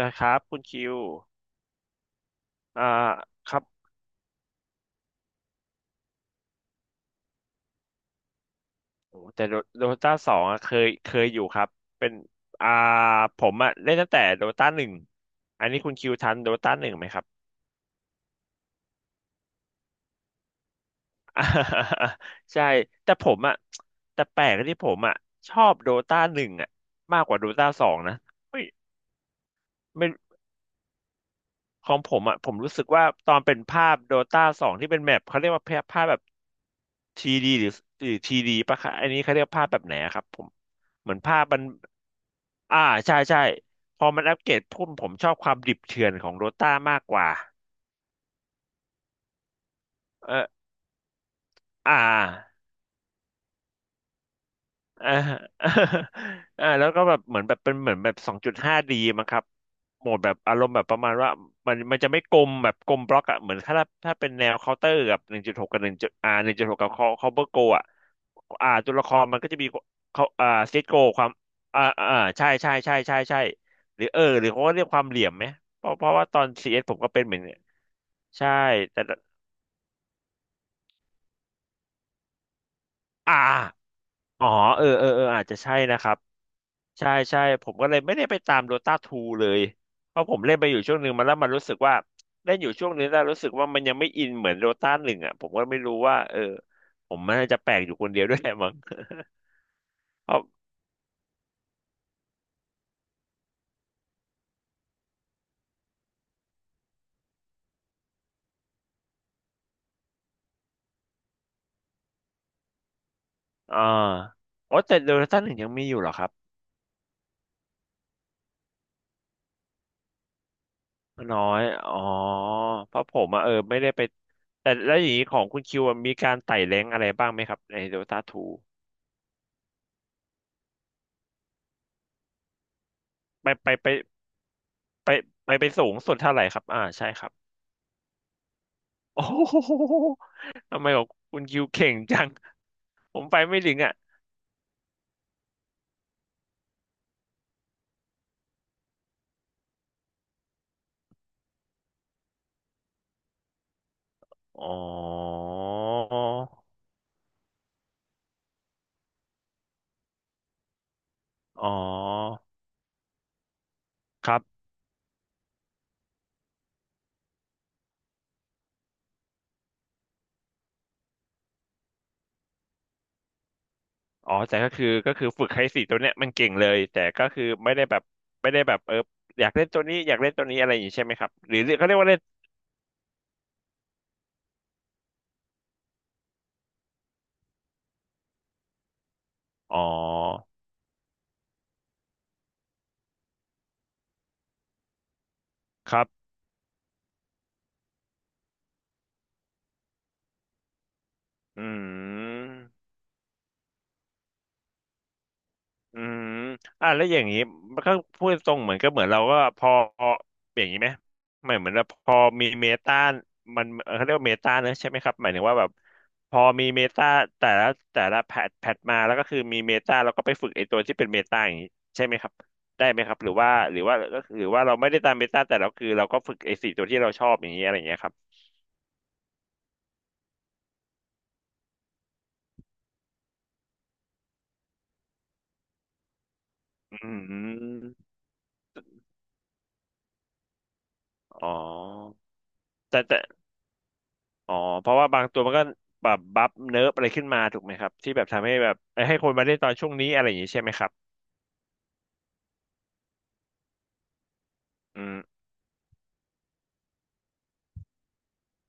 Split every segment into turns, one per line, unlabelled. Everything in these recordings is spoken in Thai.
นะครับคุณคิวอ่าครับโอ้แต่โดตาสองอะเคยอยู่ครับเป็นอ่าผมอะเล่นตั้งแต่โดตาหนึ่งอันนี้คุณคิวทันโดตาหนึ่งไหมครับ ใช่แต่ผมอะแต่แปลกที่ผมอะชอบโดตาหนึ่งอะมากกว่าโดตาสองนะเฮ้ยไม่ของผมอะผมรู้สึกว่าตอนเป็นภาพโดตาสองที่เป็นแมปเขาเรียกว่าภาพแบบทีดีหรือหรือทีดีปะคะอันนี้เขาเรียกภาพแบบไหนอะครับผมเหมือนภาพมัน อ่าใช่ใช่พอมันอัปเกรดพุ่มผมชอบความดิบเถื่อนของโดต้ามากกว่าเอออ่าเออ เแล้วก็แบบเหมือนแบบเป็นเหมือนแบบสองจุดห้าดีมั้งครับโหมดแบบอารมณ์แบบประมาณว่ามันจะไม่กลมแบบกลมบล็อกอะเหมือนถ้าเป็นแนวเคาน์เตอร์กับหนึ่งจุดหกกับหนึ่งจุดหกกับเคาน์เตอร์โกอะอ่าตัวละครมันก็จะมีเขาเซตโกความใช่ใช่ใช่ใช่ใช่หรือหรือเขาก็เรียกความเหลี่ยมไหมเพราะว่าตอนซีเอสผมก็เป็นเหมือน ใช่แต่อ่าอ๋อเออเออเอออาจจะใช่นะครับใช่ใช่ผมก็เลยไม่ได้ไปตามโดตาทูเลยเพราะผมเล่นไปอยู่ช่วงหนึ่งมาแล้วมันรู้สึกว่าเล่นอยู่ช่วงนึงแล้วรู้สึกว่ามันยังไม่อินเหมือนโดตาหนึ่งอ่ะผมก็ไม่รู้ว่าเออผมมันน่าจะแปลกอยู่คนเดียวด้วย แหละมั้ง เพราะอ่าอ๋อแต่โดตาหนึ่งยังมีอยู่เหรอครับน้อยอ๋อเพราะผมอ่ะเออไม่ได้ไปแต่แล้วอย่างนี้ของคุณคิวอะมีการไต่แรงอะไรบ้างไหมครับในโดตาทูไปไปไป ไปไปไปสูงสุดเท่าไหร่ครับ อ่าใช่ครับ โอ้โหทำไมบอกคุณคิวเก่งจังผมไปไม่ถึงอ่ะอ๋ออ๋อครับอ๋อแต่ก็คือฝึกให้สี่ตัวเนี้ยมันเก่งเลยแต่ก็คือไม่ได้แบบไม่ได้แบบเอออยากเล่นตัวนี้อยากเล่นตัวนี้อะไรอย่างนี้ใช่ไหมครับหรือเขาเรียกว่าเล่นอ๋อครับอืม อืมอ่ะแล้วอย่างนี้มันก็พูดตรงเหมือนก็เหมือนเราก็พออย่างนี้ไหมไม่เหมือนเราพอมีเมตามันเขาเรียกว่าเมตาเนอะใช่ไหมครับหมายถึงว่าแบบพอมีเมตาแต่ละแต่ละแพทมาแล้วก็คือมีเมตาแล้วก็ไปฝึกไอ้ตัวที่เป็นเมตาอย่างนี้ใช่ไหมครับได้ไหมครับหรือว่าเราไม่ได้ตามเมตาแต่เราคือเราก็ฝึกไอ้สี่ตัวที่เราชอบอย่างนี้อะไรอย่างเงี้ยครับอืมอ๋อแต่ อ๋อเพราะว่าบางตัวมันก็แบบบัฟเนิร์ฟอะไรขึ้นมาถูกไหมครับที่แบบทำให้แบบเอ้ยให้คนมาเล่นตอนช่วงนี้อะไรอย่างนี้ใช่ไหมครับอืม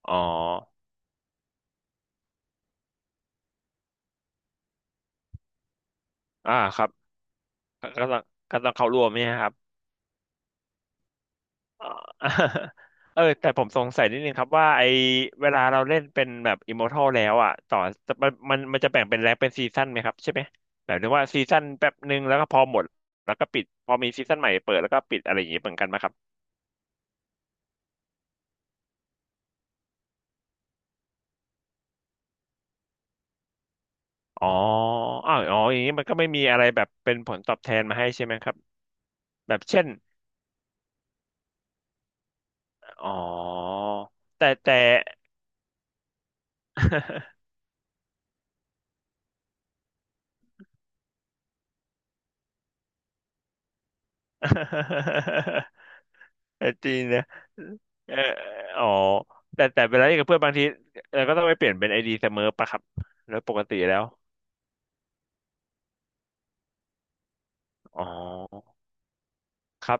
อ๋ออ่าครับก็ต้องเข้าร่วมเนี่ยครับอ๋อ เออแต่ผมสงสัยนิดนึงครับว่าไอเวลาเราเล่นเป็นแบบอิมมอร์ทัลแล้วอ่ะต่อมันจะแบ่งเป็นแรงเป็นซีซั่นไหมครับใช่ไหมแบบนึกว่าซีซั่นแป๊บหนึ่งแล้วก็พอหมดแล้วก็ปิดพอมีซีซั่นใหม่เปิดแล้วก็ปิดอะไรอย่างนี้เหมือนกันไหมครับอ๋ออ้าวอ๋ออย่างนี้มันก็ไม่มีอะไรแบบเป็นผลตอบแทนมาให้ใช่ไหมครับ แบบเช่น อ๋อ แต่ เออจริงนะเอออ๋อแต่เวลาเล่นกับเพื่อนบางทีเราก็ต้องไปเปลี่ยนเป็นไอดีเสมอปะครับ แล้วปกติแล้ว อ๋อ ครับ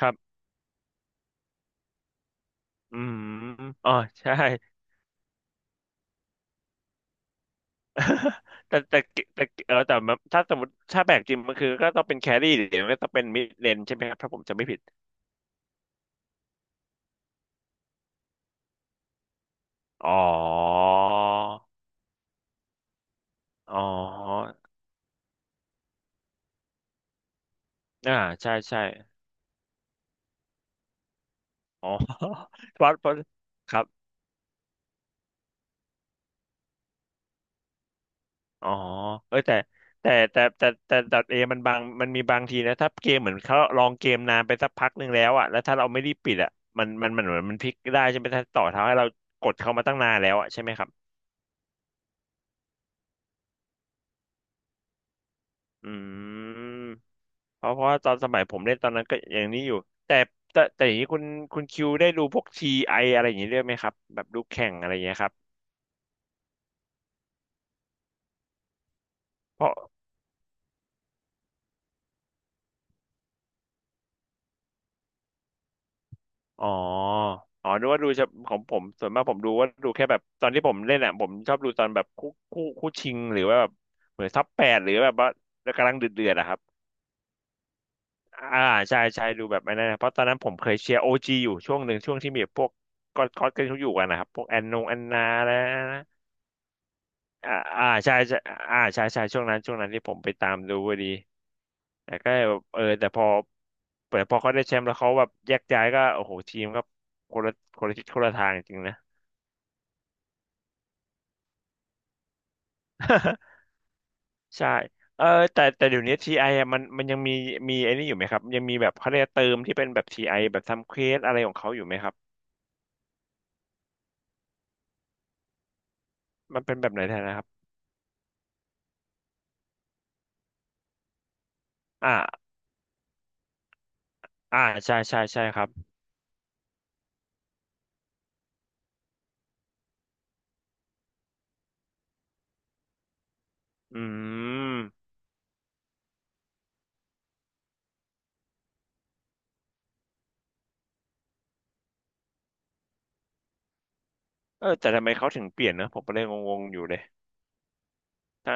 ครับอืมอ๋อ ใช่ แต่แต่แต่เออแต่แบบถ้าสมมติถ้าแบกจริงมันคือก็ต้องเป็นแครี่เดี๋ยวนก็ต้องเป็นมิดเลนใช่ไหมครับถ้าผมจำไม่ผิด อ๋อ อ๋ออ่าใช่ ใช่ อ๋อ เพราะครับอ๋อเอ้ยแต่ดอทเอมันบางมันมีบางทีนะถ้าเกมเหมือนเขาลองเกมนานไปสักพักหนึ่งแล้วอ่ะแล้วถ้าเราไม่รีบปิดอ่ะมันเหมือนมันพลิกได้ใช่ไหมถ้าต่อเท้าให้เรากดเข้ามาตั้งนานแล้วอ่ะใช่ไหมครับอืมเพราะว่าตอนสมัยผมเล่นตอนนั้นก็อย่างนี้อยู่แต่อย่างนี้คุณคิวได้ดูพวกทีไออะไรอย่างนี้ด้วยไหมครับแบบดูแข่งอะไรอย่างเงี้ยครับ อ๋ออ๋อดูว่าดูเฉพาะของผมส่วนมากผมดูว่าดูแค่แบบตอนที่ผมเล่นอ่ะผมชอบดูตอนแบบคู่ชิงหรือว่าแบบเหมือนซับแปดหรือแบบว่ากำลังเดือดเดือดอะครับอ่าใช่ใช่ดูแบบไอ้นั่นนะเพราะตอนนั้นผมเคยเชียร์โอจีอยู่ช่วงหนึ่งช่วงที่มีพวกก็อดกันเขาอยู่กันนะครับพวกแอนนาแล้วนะอ่าอ่าใช่ใช่อ่าใช่ใช่ช่วงนั้นที่ผมไปตามดูพอดีแต่ก็แบบเออแต่พอเขาได้แชมป์แล้วเขาแบบแยกย้ายก็โอ้โหทีมก็คนละคนละทิศคนละทางจริงนะ ใช่เออแต่เดี๋ยวนี้ทีไอ่ะมันยังมีมีไอ้นี่อยู่ไหมครับยังมีแบบเขาเรียกเติมที่เป็นแบบทีไอแบบทำเควสอะไรของเขาอยู่ไหมครับมันเป็นแบบไหนแทนนะครับอ่าอ่าใช่ใช่ครับอืมเออแต่ทำไมเขาถึงเปลี่ยนนะผมก็เลยงงๆอยู่เลยถ้า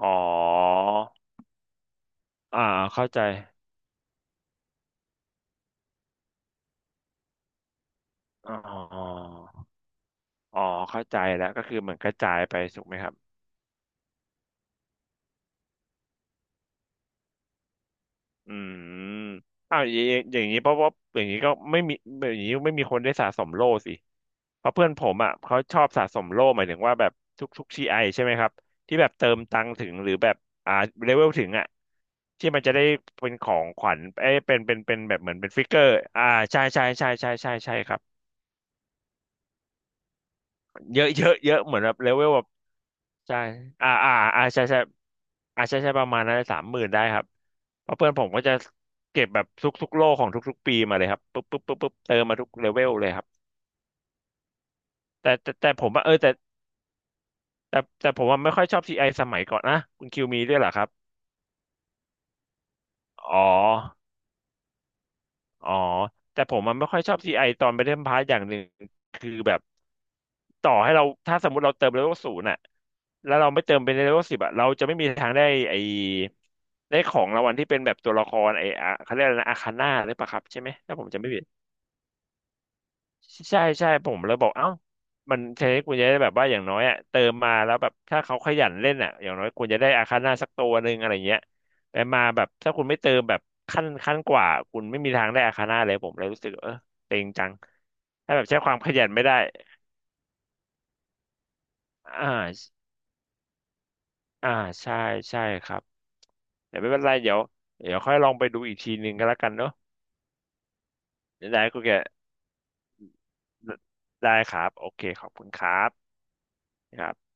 อ๋ออ่าเข้าใจอ๋ออ๋อเข้าใจแล้วก็คือเหมือนกระจายไปถูกไหมครับ อืมอ้าวอย่างนี้เพราะว่าอย่างนี้ก็ไม่มีอย่างนี้ไม่มีคนได้สะสมโล่สิ เพราะเพื่อนผมอ่ะเขาชอบสะสมโล่หมายถึงว่าแบบทุกทีไอใช่ไหมครับที่แบบเติมตังค์ถึงหรือแบบอ่าเลเวลถึงอ่ะที่มันจะได้เป็นของขวัญเอ้ยเป็นแบบเหมือนเป็นฟิกเกอร์อ่าใช่ใช่ครับเยอะเยอะเยอะเหมือนแบบเลเวลแบบใช่อ่าอ่าใช่ใช่อ่าใช่ใช่ประมาณนั้นสามหมื่นได้ครับ เพราะเพื่อนผมก็จะเก็บแบบทุกๆโลของทุกๆปีมาเลยครับปุ๊บปุ๊บปุ๊บปุ๊บเติมมาทุกเลเวลเลยครับแต่ผมว่าเออแต่ผมว่าไม่ค่อยชอบซีไอสมัยก่อนนะคุณคิวมีด้วยเหรอครับอ๋ออ๋อแต่ผมมันไม่ค่อยชอบซีไอตอนไปเล่นพาร์ทอย่างหนึ่งคือแบบต่อให้เราถ้าสมมติเราเติมเลเวลศูนย์อะแล้วเราไม่เติมเป็นเลเวลสิบอะเราจะไม่มีทางได้ไอได้ของรางวัลที่เป็นแบบตัวละครไออะเขาเรียกอะไรนะอาคาน่าหรือเปล่าครับใช่ไหมถ้าผมจำไม่ผิด ใช่ผมเลยบอกเอ้ามันใช้คุณจะได้แบบว่าอย่างน้อยอ่ะเติมมาแล้วแบบถ้าเขาขยันเล่นอ่ะอย่างน้อยคุณจะได้อาคาน่าสักตัวหนึ่งอะไรเงี้ยแต่มาแบบถ้าคุณไม่เติมแบบขั้นกว่าคุณไม่มีทางได้อาคาน่าเลยผมเลยรู้สึกเออเต็งจังถ้าแบบใช้ความขยันไม่ได้อ่าอ่าใช่ใช่ครับแต่ไม่เป็นไรเดี๋ยวค่อยลองไปดูอีกทีหนึ่งก็แล้วกันเนาะได้คุณแกได้ครับโอเคขอบคุณครับครับ